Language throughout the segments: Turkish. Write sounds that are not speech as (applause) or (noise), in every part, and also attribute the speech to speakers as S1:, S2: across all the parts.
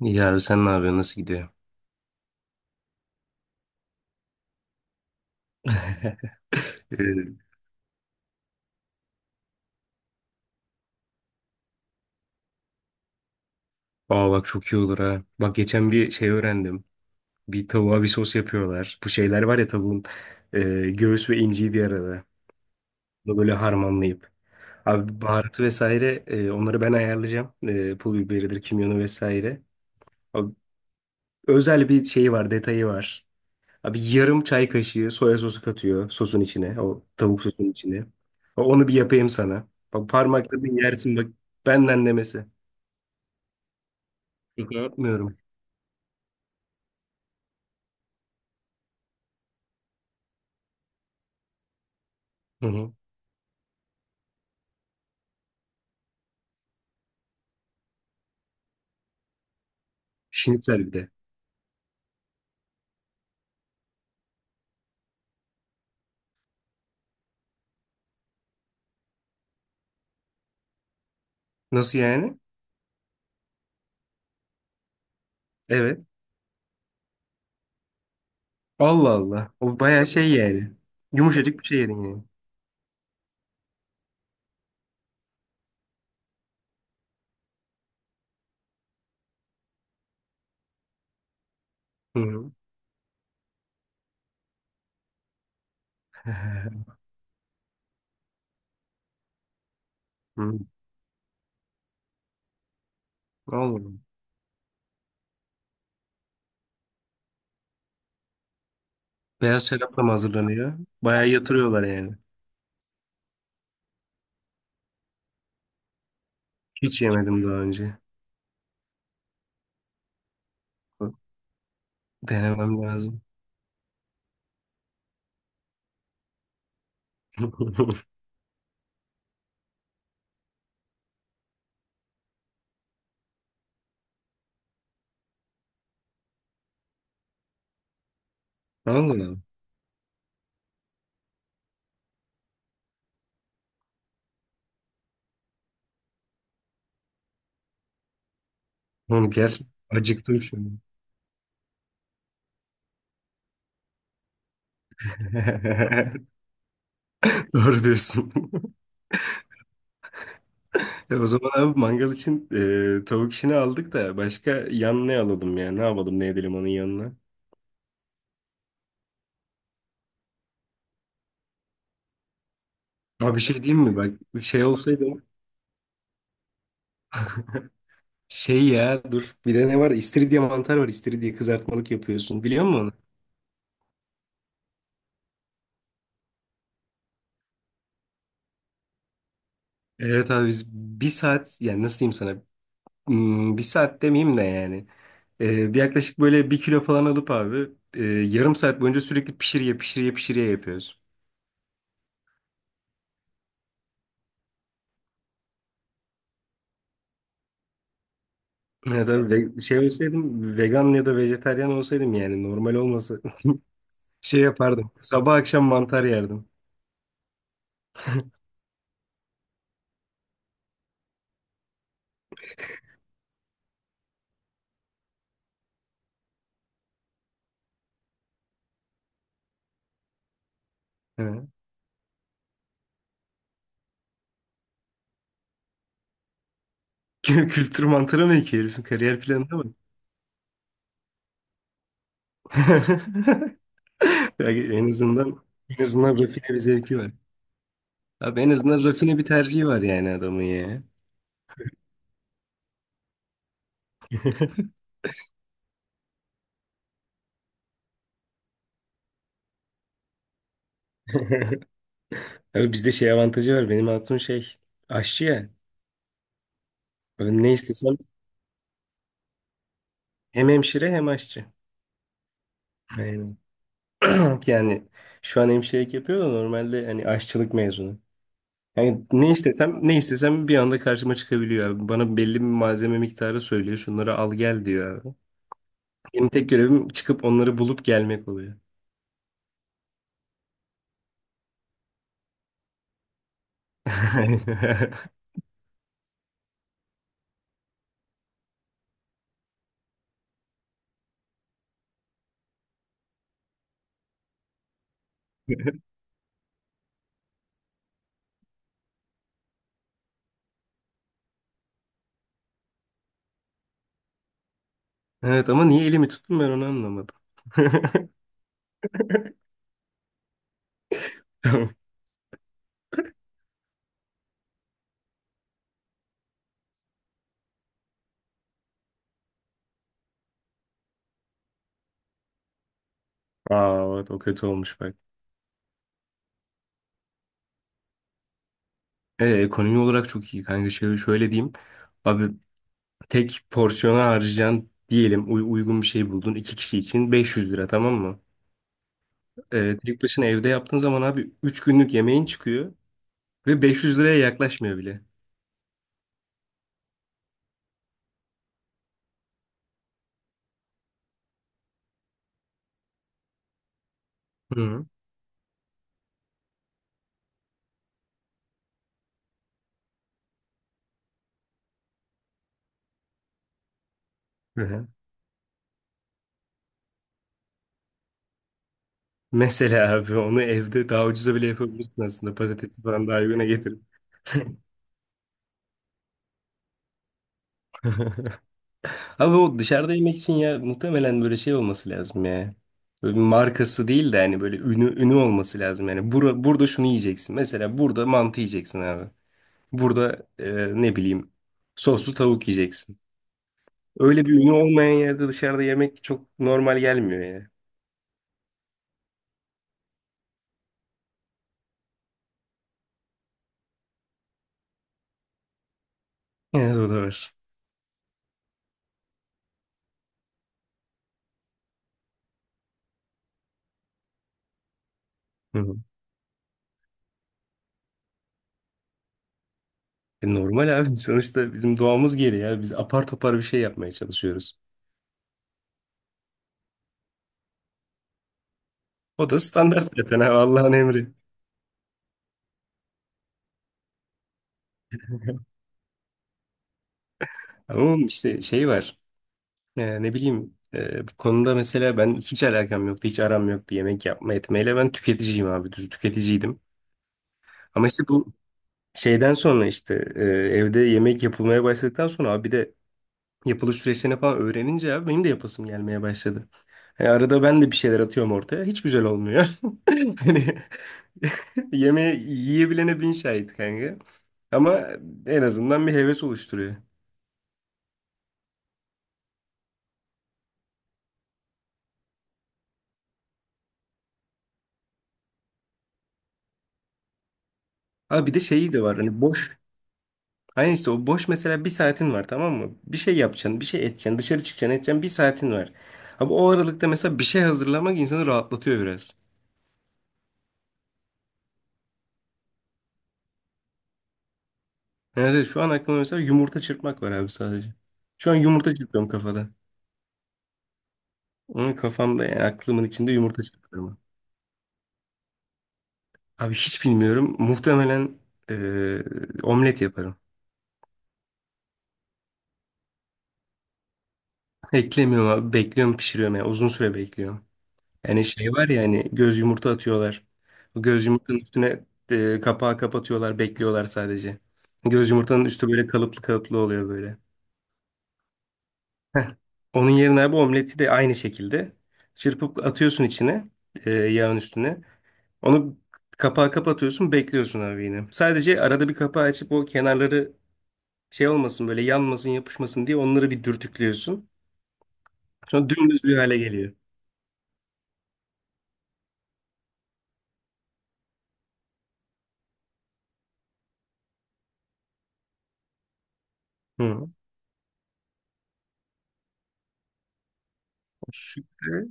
S1: İyi abi sen ne yapıyorsun? Nasıl gidiyor? (laughs) Ee, Aa bak çok iyi olur ha. Bak geçen bir şey öğrendim. Bir tavuğa bir sos yapıyorlar. Bu şeyler var ya tavuğun e, göğüs ve inciği bir arada. Bunu böyle harmanlayıp. Abi baharatı vesaire onları ben ayarlayacağım. E, pul biberidir, kimyonu vesaire. Abi, özel bir şeyi var, detayı var. Abi yarım çay kaşığı soya sosu katıyor sosun içine. O tavuk sosunun içine. Onu bir yapayım sana. Bak parmakla bir yersin bak benden demesi. Şaka yapmıyorum. Hı hı. Şnitzel bir de. Nasıl yani? Evet. Allah Allah. O bayağı şey yani. Yumuşacık bir şey yedin yani. Hı hı. (laughs) Hı. Allah Allah. Beyaz şarapla mı hazırlanıyor? Bayağı yatırıyorlar yani. Hiç yemedim daha önce. Denemem lazım. (laughs) Allah Allah. Oğlum gerçekten acıktım şimdi. (laughs) Doğru diyorsun. (laughs) E o zaman abi mangal için tavuk işini aldık da başka yan ne alalım ya? Ne yapalım ne edelim onun yanına? Ama bir şey diyeyim mi? Bak bir şey olsaydı (laughs) şey ya dur bir de ne var? İstiridye mantar var. İstiridye kızartmalık yapıyorsun. Biliyor musun onu? Evet abi biz bir saat yani nasıl diyeyim sana? Bir saat demeyeyim de yani. Bir yaklaşık böyle bir kilo falan alıp abi yarım saat boyunca sürekli pişiriye yapıyoruz. Ya da şey olsaydım vegan ya da vejetaryen olsaydım yani normal olmasa (laughs) şey yapardım. Sabah akşam mantar yerdim. He. (laughs) Kültür mantarı mı ki herifin kariyer planında mı? (laughs) Yani en azından en azından rafine bir zevki var. Abi en azından rafine bir tercihi var yani adamın ya. (laughs) Abi bizde şey avantajı var. Benim hatun şey aşçı ya. Abi ne istesem hem hemşire hem aşçı. Yani, (clears throat) yani şu an hemşirelik yapıyor da normalde hani aşçılık mezunu. Yani ne istesem bir anda karşıma çıkabiliyor abi. Bana belli bir malzeme miktarı söylüyor. Şunları al gel diyor abi. Benim tek görevim çıkıp onları bulup gelmek oluyor. (laughs) Evet ama niye elimi tuttum ben onu anlamadım. (laughs) Tamam. Aa evet o kötü olmuş bak. Ekonomi olarak çok iyi kanka. Şöyle, şöyle diyeyim. Abi tek porsiyona harcayacaksın diyelim uygun bir şey buldun. İki kişi için 500 lira tamam mı? Tek başına evde yaptığın zaman abi 3 günlük yemeğin çıkıyor ve 500 liraya yaklaşmıyor bile. Hı. Hı. Hı. Mesela abi onu evde daha ucuza bile yapabilirsin aslında. Patatesi falan daha uyguna. Abi o dışarıda yemek için ya muhtemelen böyle şey olması lazım ya. Böyle bir markası değil de hani böyle ünü olması lazım yani. Burada şunu yiyeceksin. Mesela burada mantı yiyeceksin abi. Burada ne bileyim soslu tavuk yiyeceksin. Öyle bir ünü olmayan yerde dışarıda yemek çok normal gelmiyor ya. Evet o da var. Hı hı. E, normal abi (laughs) sonuçta bizim doğamız gereği ya. Biz apar topar bir şey yapmaya çalışıyoruz. O da standart zaten abi Allah'ın emri. Ama işte şey var. Ne bileyim bu konuda mesela ben hiç alakam yoktu, hiç aram yoktu yemek yapma etmeyle. Ben tüketiciyim abi, düz tüketiciydim. Ama işte bu şeyden sonra işte evde yemek yapılmaya başladıktan sonra abi bir de yapılış süreçlerini falan öğrenince abi benim de yapasım gelmeye başladı. Yani arada ben de bir şeyler atıyorum ortaya. Hiç güzel olmuyor. (laughs) Hani (laughs) yemeği yiyebilene bin şahit kanka. Ama en azından bir heves oluşturuyor. Abi bir de şeyi de var. Hani boş. Aynen işte o boş mesela bir saatin var tamam mı? Bir şey yapacaksın, bir şey edeceksin, dışarı çıkacaksın, edeceksin bir saatin var. Abi o aralıkta mesela bir şey hazırlamak insanı rahatlatıyor biraz. Yani evet, şu an aklımda mesela yumurta çırpmak var abi sadece. Şu an yumurta çırpıyorum kafada. Onun kafamda yani aklımın içinde yumurta çırpıyorum. Abi hiç bilmiyorum. Muhtemelen eee, omlet yaparım. Eklemiyorum abi. Bekliyorum pişiriyorum yani. Uzun süre bekliyorum. Yani şey var ya hani göz yumurta atıyorlar. Bu göz yumurtanın üstüne kapağı kapatıyorlar, bekliyorlar sadece. Göz yumurtanın üstü böyle kalıplı kalıplı oluyor böyle. Heh. Onun yerine abi omleti de aynı şekilde çırpıp atıyorsun içine, yağın üstüne. Onu kapağı kapatıyorsun, bekliyorsun abi yine. Sadece arada bir kapağı açıp o kenarları şey olmasın böyle yanmasın, yapışmasın diye onları bir dürtüklüyorsun. Sonra dümdüz bir hale geliyor. Hı. O sütle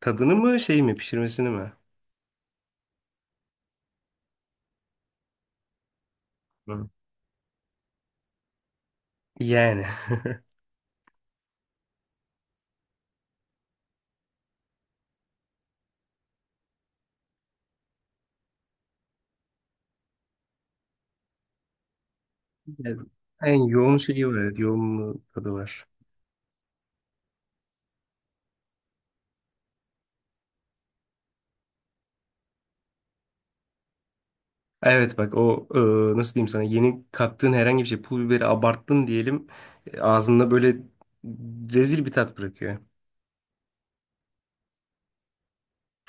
S1: tadını mı şey mi pişirmesini mi? Hı. Yani (laughs) Evet. En yoğun şeyi var. Evet, yoğun tadı var. Evet bak o nasıl diyeyim sana yeni kattığın herhangi bir şey pul biberi abarttın diyelim ağzında böyle rezil bir tat bırakıyor.